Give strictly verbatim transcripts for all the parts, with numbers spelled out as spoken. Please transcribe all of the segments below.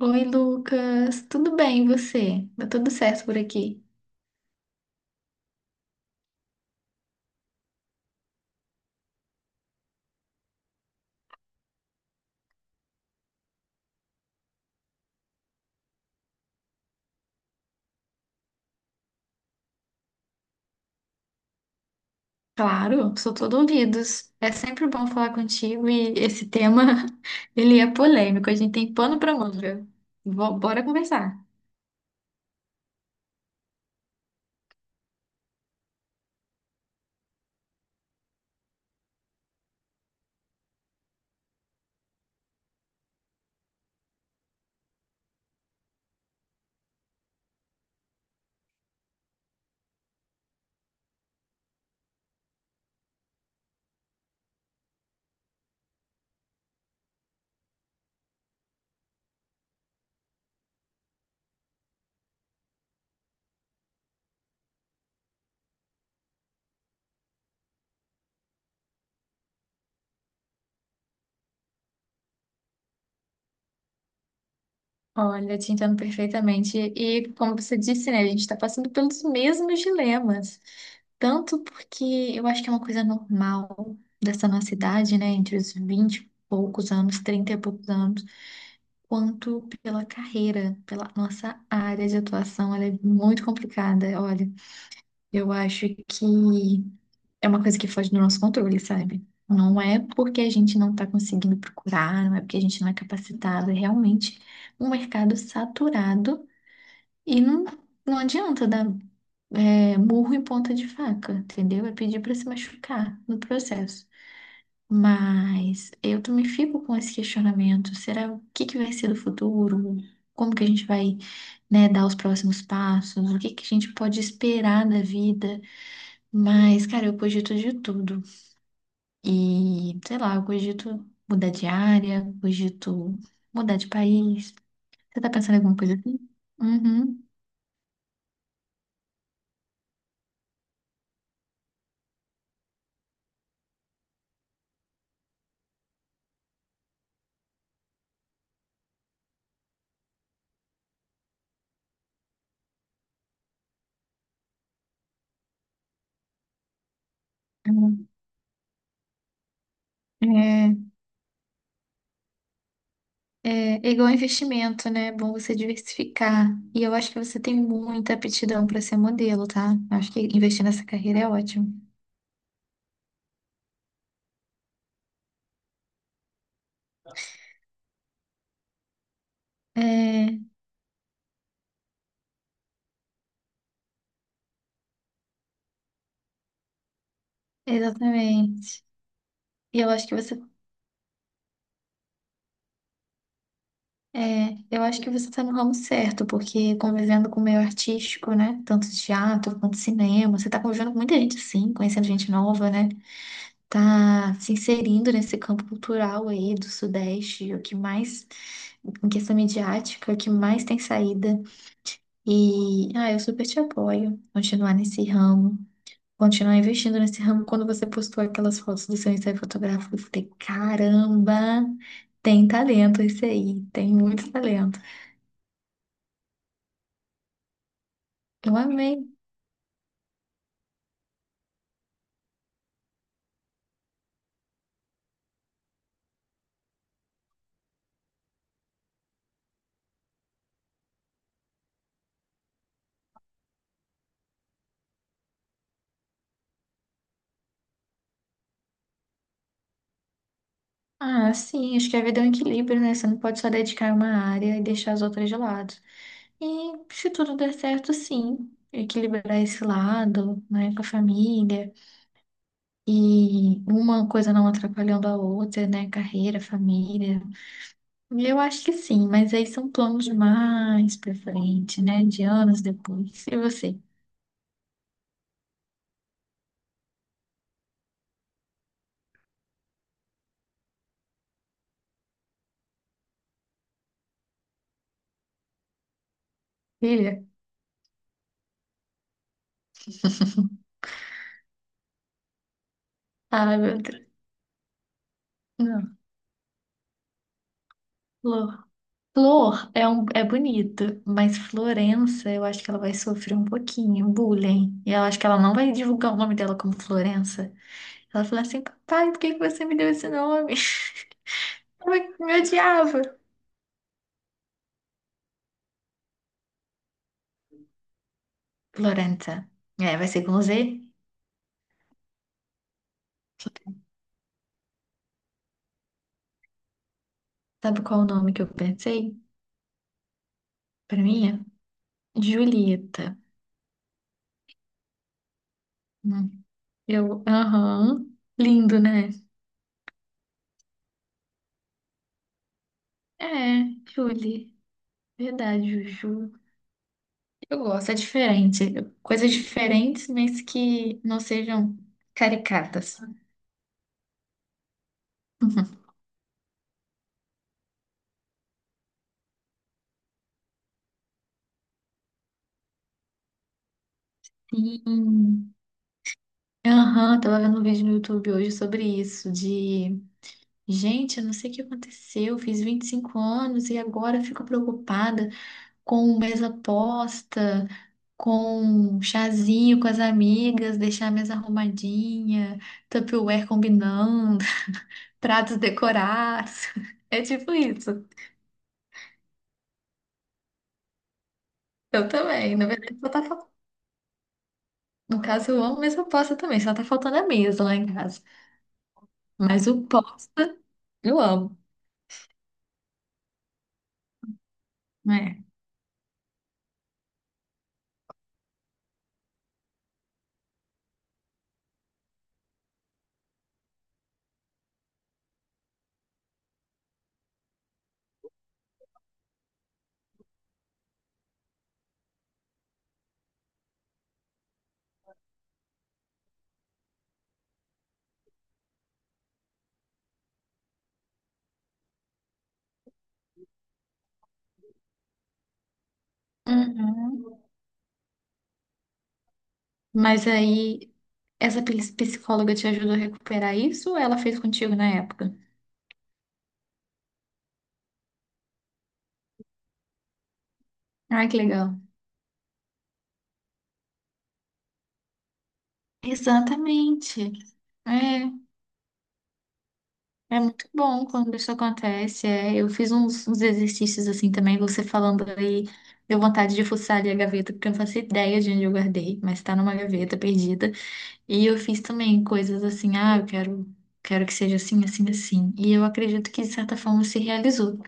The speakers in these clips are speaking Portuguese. Oi, Lucas. Tudo bem, e você? Tá tudo certo por aqui? Claro, sou todo ouvidos. É sempre bom falar contigo e esse tema, ele é polêmico, a gente tem pano pra manga. Bo- Bora conversar. Olha, te entendo perfeitamente. E como você disse, né, a gente está passando pelos mesmos dilemas. Tanto porque eu acho que é uma coisa normal dessa nossa idade, né, entre os vinte e poucos anos, trinta e poucos anos, quanto pela carreira, pela nossa área de atuação. Ela é muito complicada. Olha, eu acho que é uma coisa que foge do nosso controle, sabe? Não é porque a gente não está conseguindo procurar, não é porque a gente não é capacitado, é realmente um mercado saturado e não, não adianta dar é, murro em ponta de faca, entendeu? É pedir para se machucar no processo. Mas eu também fico com esse questionamento. Será o que que vai ser do futuro? Como que a gente vai, né, dar os próximos passos? O que que a gente pode esperar da vida? Mas, cara, eu cogito de tudo. E, sei lá, eu cogito mudar de área, cogito mudar de país. Você tá pensando em alguma coisa assim? Uhum. é É, é igual investimento, né? É bom você diversificar. E eu acho que você tem muita aptidão para ser modelo, tá? Eu acho que investir nessa carreira é ótimo. É, exatamente. E eu acho que você, é, eu acho que você tá no ramo certo, porque convivendo com o meio artístico, né? Tanto teatro quanto cinema, você tá convivendo com muita gente assim, conhecendo gente nova, né? Tá se inserindo nesse campo cultural aí do Sudeste, o que mais, em questão midiática, o que mais tem saída. E, ah, eu super te apoio. Continuar nesse ramo, continuar investindo nesse ramo. Quando você postou aquelas fotos do seu ensaio fotográfico, eu falei, caramba, tem talento esse aí, tem muito talento. Eu amei. Ah, sim, acho que a vida é um equilíbrio, né? Você não pode só dedicar uma área e deixar as outras de lado. E se tudo der certo, sim, equilibrar esse lado, né, com a família. E uma coisa não atrapalhando a outra, né? Carreira, família. Eu acho que sim, mas aí são planos mais pra frente, né? De anos depois. E você? Filha? Ai, meu Deus. Não. Flor. Flor é, um, é bonito, mas Florença, eu acho que ela vai sofrer um pouquinho, bullying. E eu acho que ela não vai divulgar o nome dela como Florença. Ela fala assim, papai, por que que você me deu esse nome? Eu Me odiava. Florença. É, vai ser com Z? Sabe qual o nome que eu pensei? Pra mim? é Julieta. Eu, aham. Lindo, né? É, Julie. Verdade, Juju. Eu gosto, é diferente. Coisas diferentes, mas que não sejam caricatas. Sim. Aham, tava vendo um vídeo no YouTube hoje sobre isso, de... Gente, eu não sei o que aconteceu, fiz vinte e cinco anos e agora fico preocupada com mesa posta, com chazinho com as amigas, deixar a mesa arrumadinha, Tupperware combinando, pratos decorados. É tipo isso. Eu também. Na verdade, só tá faltando. No caso, eu amo, mas eu posso também. Só tá faltando a mesa lá em casa. Mas o posta, eu amo. Né? Uhum. Mas aí, essa pis- psicóloga te ajudou a recuperar isso ou ela fez contigo na época? Ai, que legal. Exatamente. É. É muito bom quando isso acontece. É. Eu fiz uns, uns exercícios assim também, você falando aí, deu vontade de fuçar ali a gaveta, porque eu não faço ideia de onde eu guardei, mas tá numa gaveta perdida. E eu fiz também coisas assim, ah, eu quero, quero que seja assim, assim, assim. E eu acredito que de certa forma se realizou.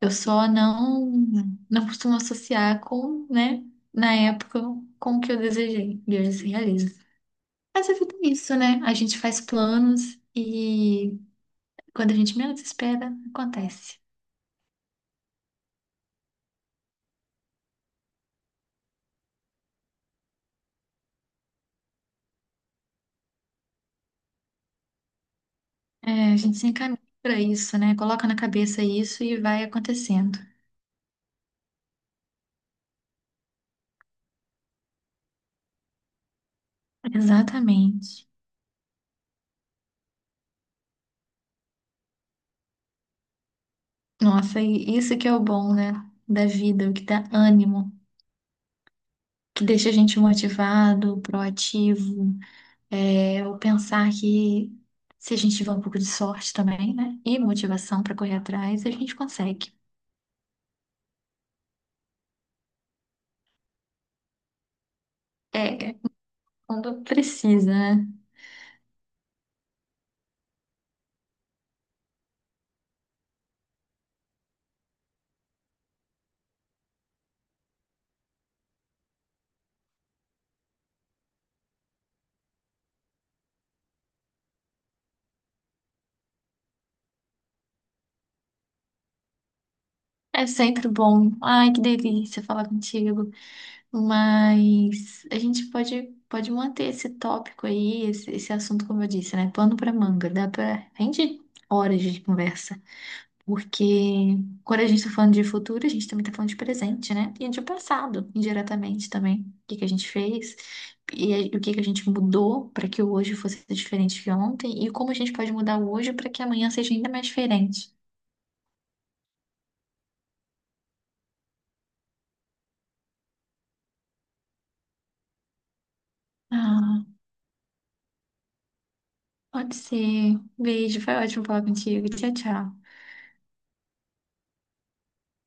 Eu só não, não costumo associar com, né, na época, com o que eu desejei. E hoje se realiza. Mas a vida é isso, né? A gente faz planos. E quando a gente menos espera, acontece. É, a gente se encaminha para isso, né? Coloca na cabeça isso e vai acontecendo. Exatamente. Nossa, e isso que é o bom, né? Da vida, o que dá ânimo, que deixa a gente motivado, proativo. É, o pensar que se a gente tiver um pouco de sorte também, né? E motivação para correr atrás, a gente consegue. É, quando precisa, né? É sempre bom. Ai, que delícia falar contigo. Mas a gente pode, pode manter esse tópico aí, esse, esse assunto, como eu disse, né? Pano pra manga, dá pra rende horas de conversa. Porque quando a gente tá falando de futuro, a gente também tá falando de presente, né? E de passado, indiretamente também. O que que a gente fez e a- o que que a gente mudou para que o hoje fosse diferente de ontem e como a gente pode mudar o hoje para que amanhã seja ainda mais diferente. Ah, pode ser. Beijo, foi ótimo falar contigo. Tchau, tchau.